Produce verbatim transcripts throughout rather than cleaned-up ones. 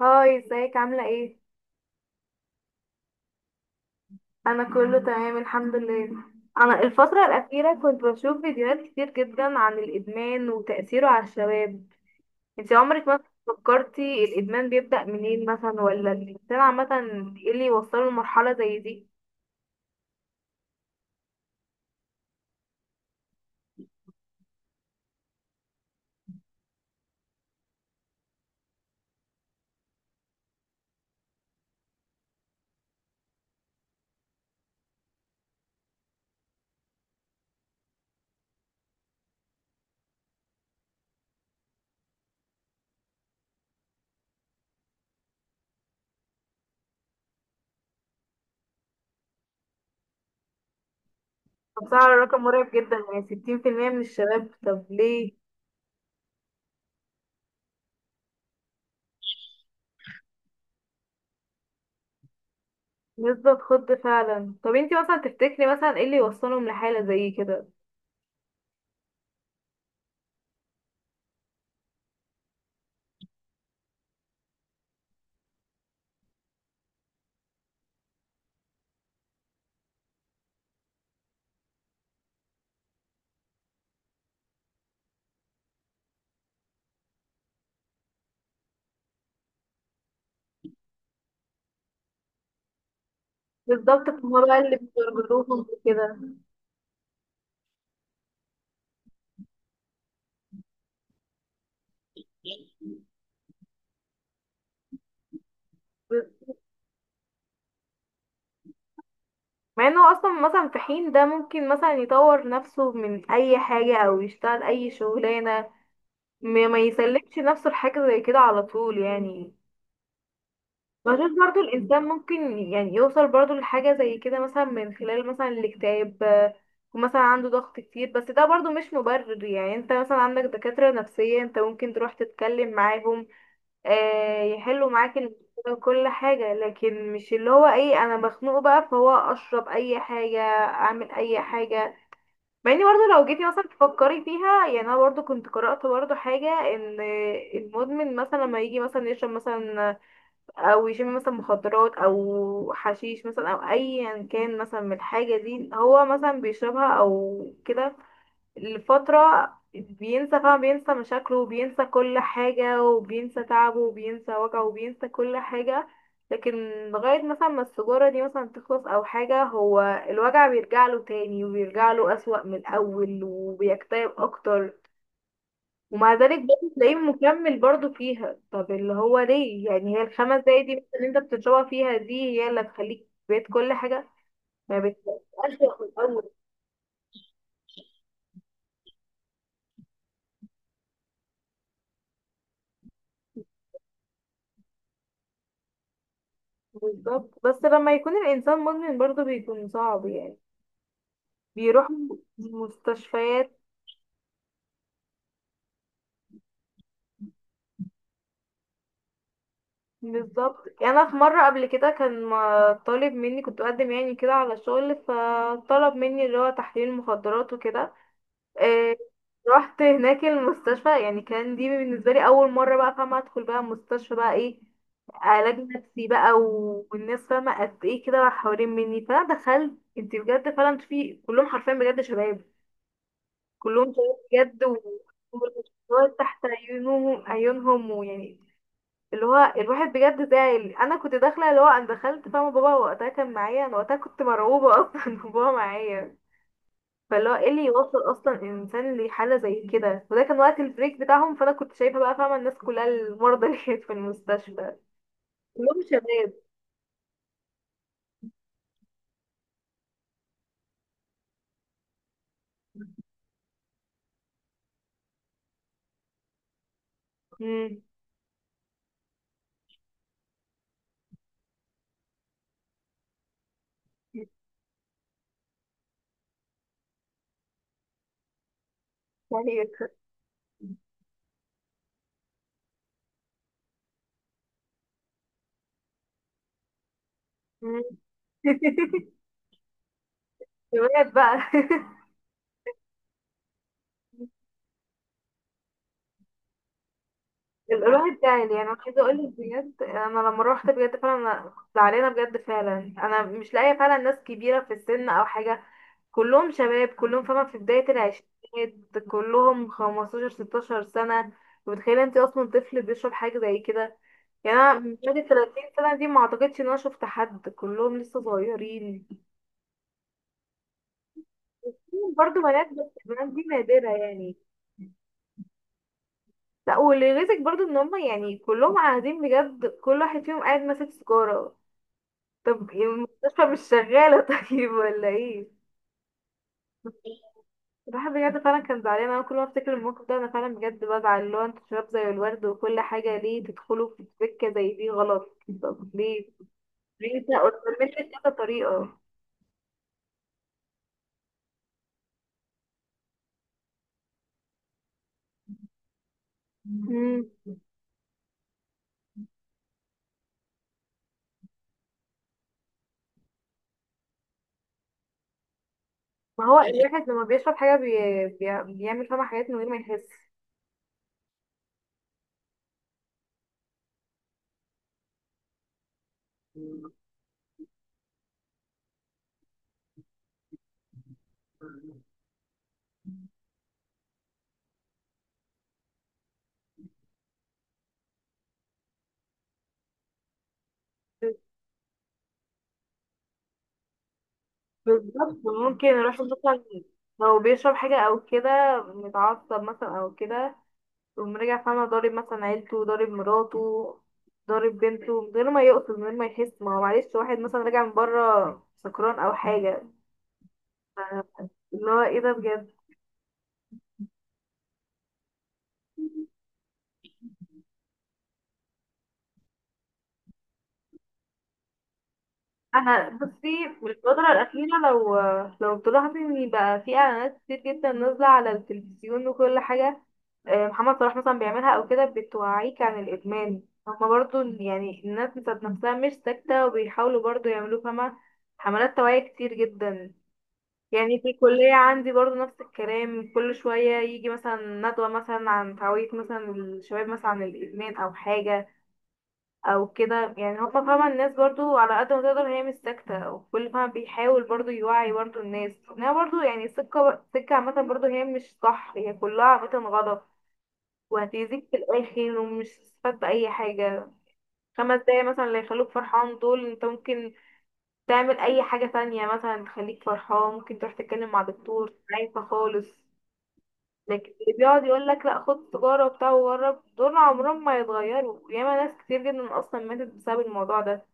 هاي، ازيك عاملة ايه؟ انا كله تمام الحمد لله. انا الفترة الاخيرة كنت بشوف فيديوهات كتير جدا عن الادمان وتأثيره على الشباب. انت عمرك ما فكرتي الادمان بيبدأ منين مثلا ولا الانسان عامة ايه اللي يوصله لمرحلة زي دي؟ بصراحة الرقم مرعب جدا، يعني ستين في المية من الشباب؟ طب ليه؟ نسبة خض فعلا. طب انت مثلا تفتكري مثلا ايه اللي يوصلهم لحالة زي كده؟ بالظبط، هما بقى اللي بيربطوهم بكده. مع انه اصلا مثلا في حين ده ممكن مثلا يطور نفسه من اي حاجة او يشتغل اي شغلانة، ما ما يسلمش نفسه لحاجة زي كده على طول يعني. بشوف برضو الانسان ممكن يعني يوصل برضو لحاجة زي كده مثلا من خلال مثلا الاكتئاب، آه، ومثلا عنده ضغط كتير، بس ده برضو مش مبرر. يعني انت مثلا عندك دكاترة نفسية، انت ممكن تروح تتكلم معاهم، آه، يحلوا معاك المشكلة وكل حاجة. لكن مش اللي هو ايه، انا مخنوق بقى فهو اشرب اي حاجة اعمل اي حاجة. مع اني برضه لو جيتي مثلا تفكري فيها، يعني انا برضه كنت قرأت برضه حاجة ان المدمن مثلا لما يجي مثلا يشرب مثلا، او يشم مثلا مخدرات او حشيش مثلا او ايا كان مثلا من الحاجة دي، هو مثلا بيشربها او كده لفترة، بينسى فعلا، بينسى مشاكله وبينسى كل حاجة وبينسى تعبه وبينسى وجعه وبينسى كل حاجة. لكن لغاية مثلا ما السجارة دي مثلا تخلص أو حاجة، هو الوجع بيرجع له تاني، وبيرجع له أسوأ من الأول وبيكتئب أكتر. ومع ذلك برضه تلاقيه مكمل برضه فيها. طب اللي هو ليه؟ يعني هي الخمس دقايق دي مثلا اللي انت بتشربها فيها دي هي اللي هتخليك بقيت كل حاجة ما بتبقاش أسوأ من الأول؟ بالظبط. بس لما يكون الإنسان مدمن برضه بيكون صعب يعني. بيروح مستشفيات. بالظبط، أنا في مرة قبل كده كان ما- طالب مني، كنت بقدم يعني كده على شغل، فطلب مني اللي هو تحليل مخدرات وكده. إيه، رحت هناك المستشفى، يعني كان دي بالنسبة لي أول مرة بقى فاهمة أدخل بقى مستشفى بقى، إيه، علاج نفسي بقى، و- والناس فاهمة قد إيه كده حوالين مني، فأنا دخلت. انت بجد فعلا في كلهم حرفيا بجد شباب، كلهم شباب بجد، والموضوع تحت عيونهم عيونهم ويعني اللي هو الواحد بجد زعل. انا كنت داخله، اللي هو انا دخلت فاهمه بابا وقتها كان معايا، انا وقتها كنت مرعوبه اصلا إن بابا معايا. فاللي هو ايه اللي يوصل اصلا الانسان لحاله زي كده؟ وده كان وقت البريك بتاعهم، فانا كنت شايفه بقى فاهمه الناس كلها المرضى اللي كانت في المستشفى كلهم شباب. امم يعني شباب بقى. يبقى الواحد تعالي يعني انا عايزه اقول لك بجد، انا لما روحت بجد فعلا، أنا كنت زعلانه بجد فعلا، انا مش لاقيه فعلا ناس كبيره في السن او حاجه، كلهم شباب، كلهم فاهمه في بدايه العشرينات، كلهم خمستاشر ستاشر سنه. متخيله انت اصلا طفل بيشرب حاجه زي كده؟ يعني انا من بعد ال ثلاثين سنه دي ما اعتقدش ان انا شفت حد، كلهم لسه صغيرين. برضه بنات، بس البنات دي نادره يعني. لا، واللي يغيظك برضو ان هم يعني كلهم قاعدين بجد، كل واحد فيهم قاعد ماسك سيجارة. طب المستشفى مش شغالة طيب ولا ايه؟ الواحد بجد فعلا كان زعلان. انا كل ما افتكر الموقف ده انا فعلا بجد بزعل، اللي هو انتوا شباب زي الورد وكل حاجة، ليه تدخلوا في سكة زي دي غلط؟ طب ليه؟ ليه انت قلت كذا طريقة. مم. ما هو الواحد لما بيشرب حاجة بي... بي... بيعمل فيها حاجات من غير ما يحس. بالظبط، ممكن الواحد مثلا لو بيشرب حاجة أو كده، متعصب مثلا أو كده، يقوم رجع فاهمة ضارب مثلا عيلته، ضارب مراته، ضارب بنته من غير ما يقصد من غير ما يحس، ما هو معلش واحد مثلا راجع من بره سكران او حاجة. اللي هو ايه ده بجد. انا بصي من الفترة الأخيرة، لو لو تلاحظي ان بقى في اعلانات كتير جدا نازلة على التلفزيون وكل حاجة، آه، محمد صلاح مثلا بيعملها او كده، بتوعيك عن الادمان. هما برضو يعني الناس بتاعت نفسها مش ساكتة، وبيحاولوا برضو يعملوا فاهمة حملات توعية كتير جدا. يعني في الكلية عندي برضو نفس الكلام، كل شوية يجي مثلا ندوة مثلا عن تعويض مثلا الشباب مثلا عن الإدمان أو حاجة أو كده. يعني هما فاهمة الناس برضو على قد ما تقدر هي مش ساكتة، وكل فاهمة بيحاول برضو يوعي برضو الناس إنها برضو يعني سكة سكة عامة برضو هي مش صح، هي كلها عامة غلط وهتأذيك في الآخر، ومش هتستفاد بأي حاجة. خمس دقايق مثلا اللي يخلوك فرحان دول، انت ممكن تعمل أي حاجة تانية مثلا تخليك فرحان، ممكن تروح تتكلم مع دكتور عايزة خالص. لكن اللي بيقعد يقول لك لا خد تجارة وبتاع وجرب، دول عمرهم ما يتغيروا. ياما ناس كتير جدا اصلا ماتت بسبب الموضوع ده،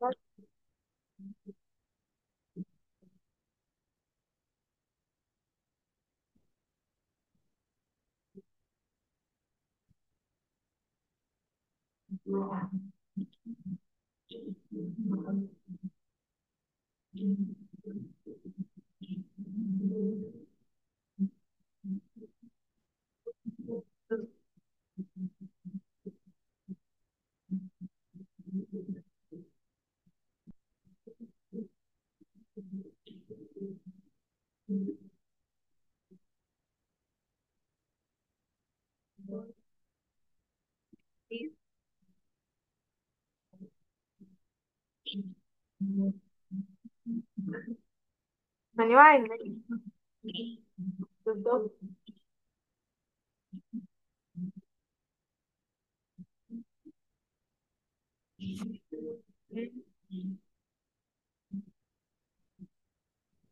ناس كتير. من يوعي الناس؟ بالظبط.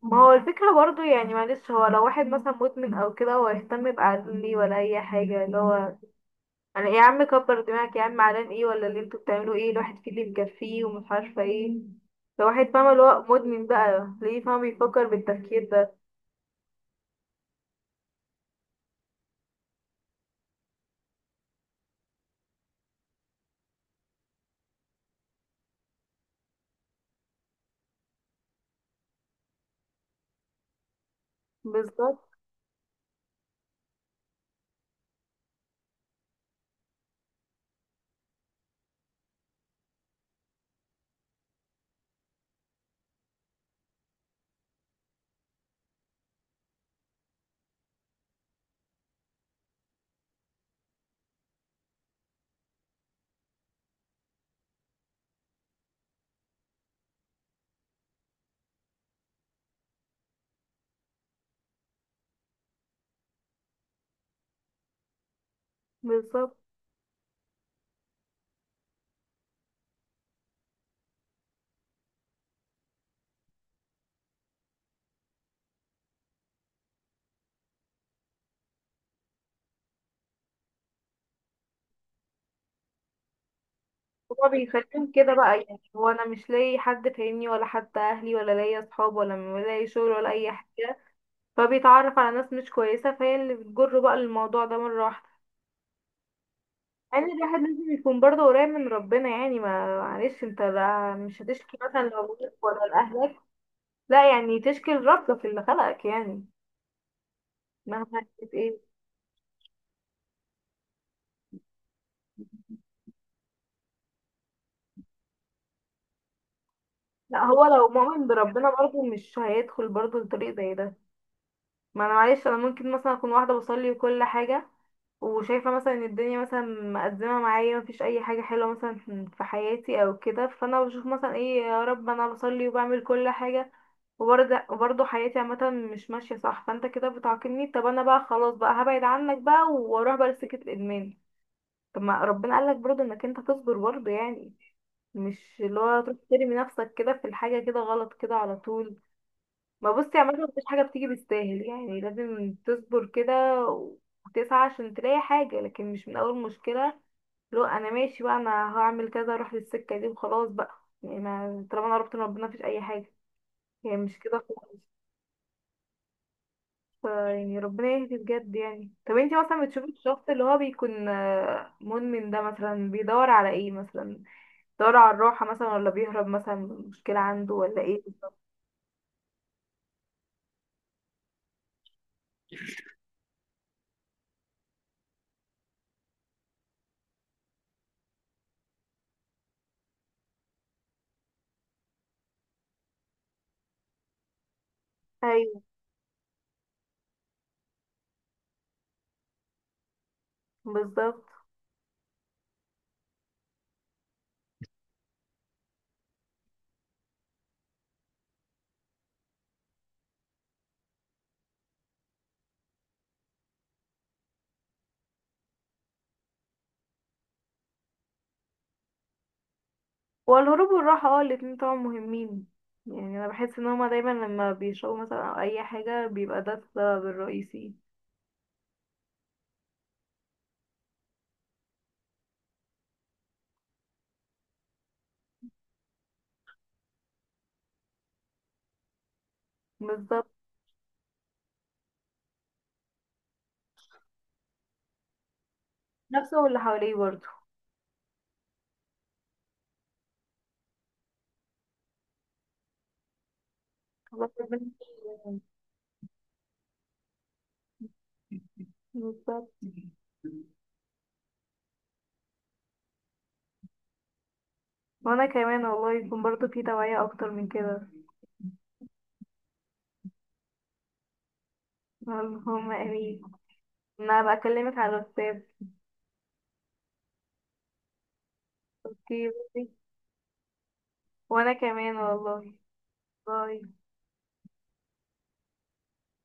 ما هو الفكرة برضو يعني معلش، هو لو واحد مثلا مدمن او كده، هو يهتم بعقله ليه؟ ولا اي حاجة اللي هو انا ايه يا عم كبر دماغك يا عم علان، ايه ولا اللي انتوا بتعملوا ايه؟ الواحد فيه اللي مكفيه ومش عارفة ايه. لو واحد فاهم اللي هو مدمن، بقى ليه فاهم يفكر بالتفكير ده؟ بالظبط. بالظبط، هو بيخليهم كده بقى، يعني هو انا مش لاقي حد فاهمني ولا حتى اهلي، ولا لاقي اصحاب، ولا لاقي شغل، ولا اي حاجه، فبيتعرف على ناس مش كويسه، فهي اللي بتجره بقى الموضوع ده مره واحده. يعني الواحد لازم يكون برضه قريب من ربنا. يعني ما معلش انت، لا مش هتشكي مثلا لابوك ولا لاهلك، لا يعني تشكي لربك اللي خلقك، يعني مهما كانت ايه. لا، هو لو مؤمن بربنا برضه مش هيدخل برضه لطريق زي ده. ما انا معلش، انا ممكن مثلا اكون واحده بصلي وكل حاجه، وشايفة مثلا ان الدنيا مثلا مقدمة معايا، مفيش اي حاجة حلوة مثلا في حياتي او كده، فانا بشوف مثلا ايه يا رب انا بصلي وبعمل كل حاجة، وبرضه وبرضه حياتي عامة مش ماشية صح، فانت كده بتعاقبني. طب انا بقى خلاص بقى هبعد عنك بقى واروح بقى لسكة الادمان. طب ما ربنا قالك برضه انك انت تصبر برضه يعني، مش اللي هو تروح ترمي نفسك كده في الحاجة كده غلط كده على طول. ما بصي، عامة مفيش حاجة بتيجي بالساهل، يعني لازم تصبر كده وتسعى عشان تلاقي حاجة، لكن مش من أول مشكلة لو أنا ماشي بقى أنا هعمل كذا أروح للسكة دي وخلاص بقى. يعني ما طالما أنا قربت من ربنا مفيش أي حاجة، يعني مش كده خالص. ف- يعني ربنا يهدي بجد يعني. طب انتي مثلا بتشوفي الشخص اللي هو بيكون، آه، مدمن ده مثلا بيدور على ايه مثلا؟ بيدور على الراحة مثلا ولا بيهرب مثلا من مشكلة عنده ولا ايه؟ ايوه. بالظبط، هو الهروب والراحة، اه الاتنين طبعا مهمين. يعني انا بحس ان هما دايما لما بيشربوا مثلا او اي حاجة بيبقى ده السبب الرئيسي. بالظبط. نفسه واللي حواليه برضه. الله يخليك. بالظبط. وانا كمان، والله يكون برضه في توعية اكتر من كده. اللهم امين. انا بكلمك على الواتساب. اوكي، باي. وانا كمان والله، باي.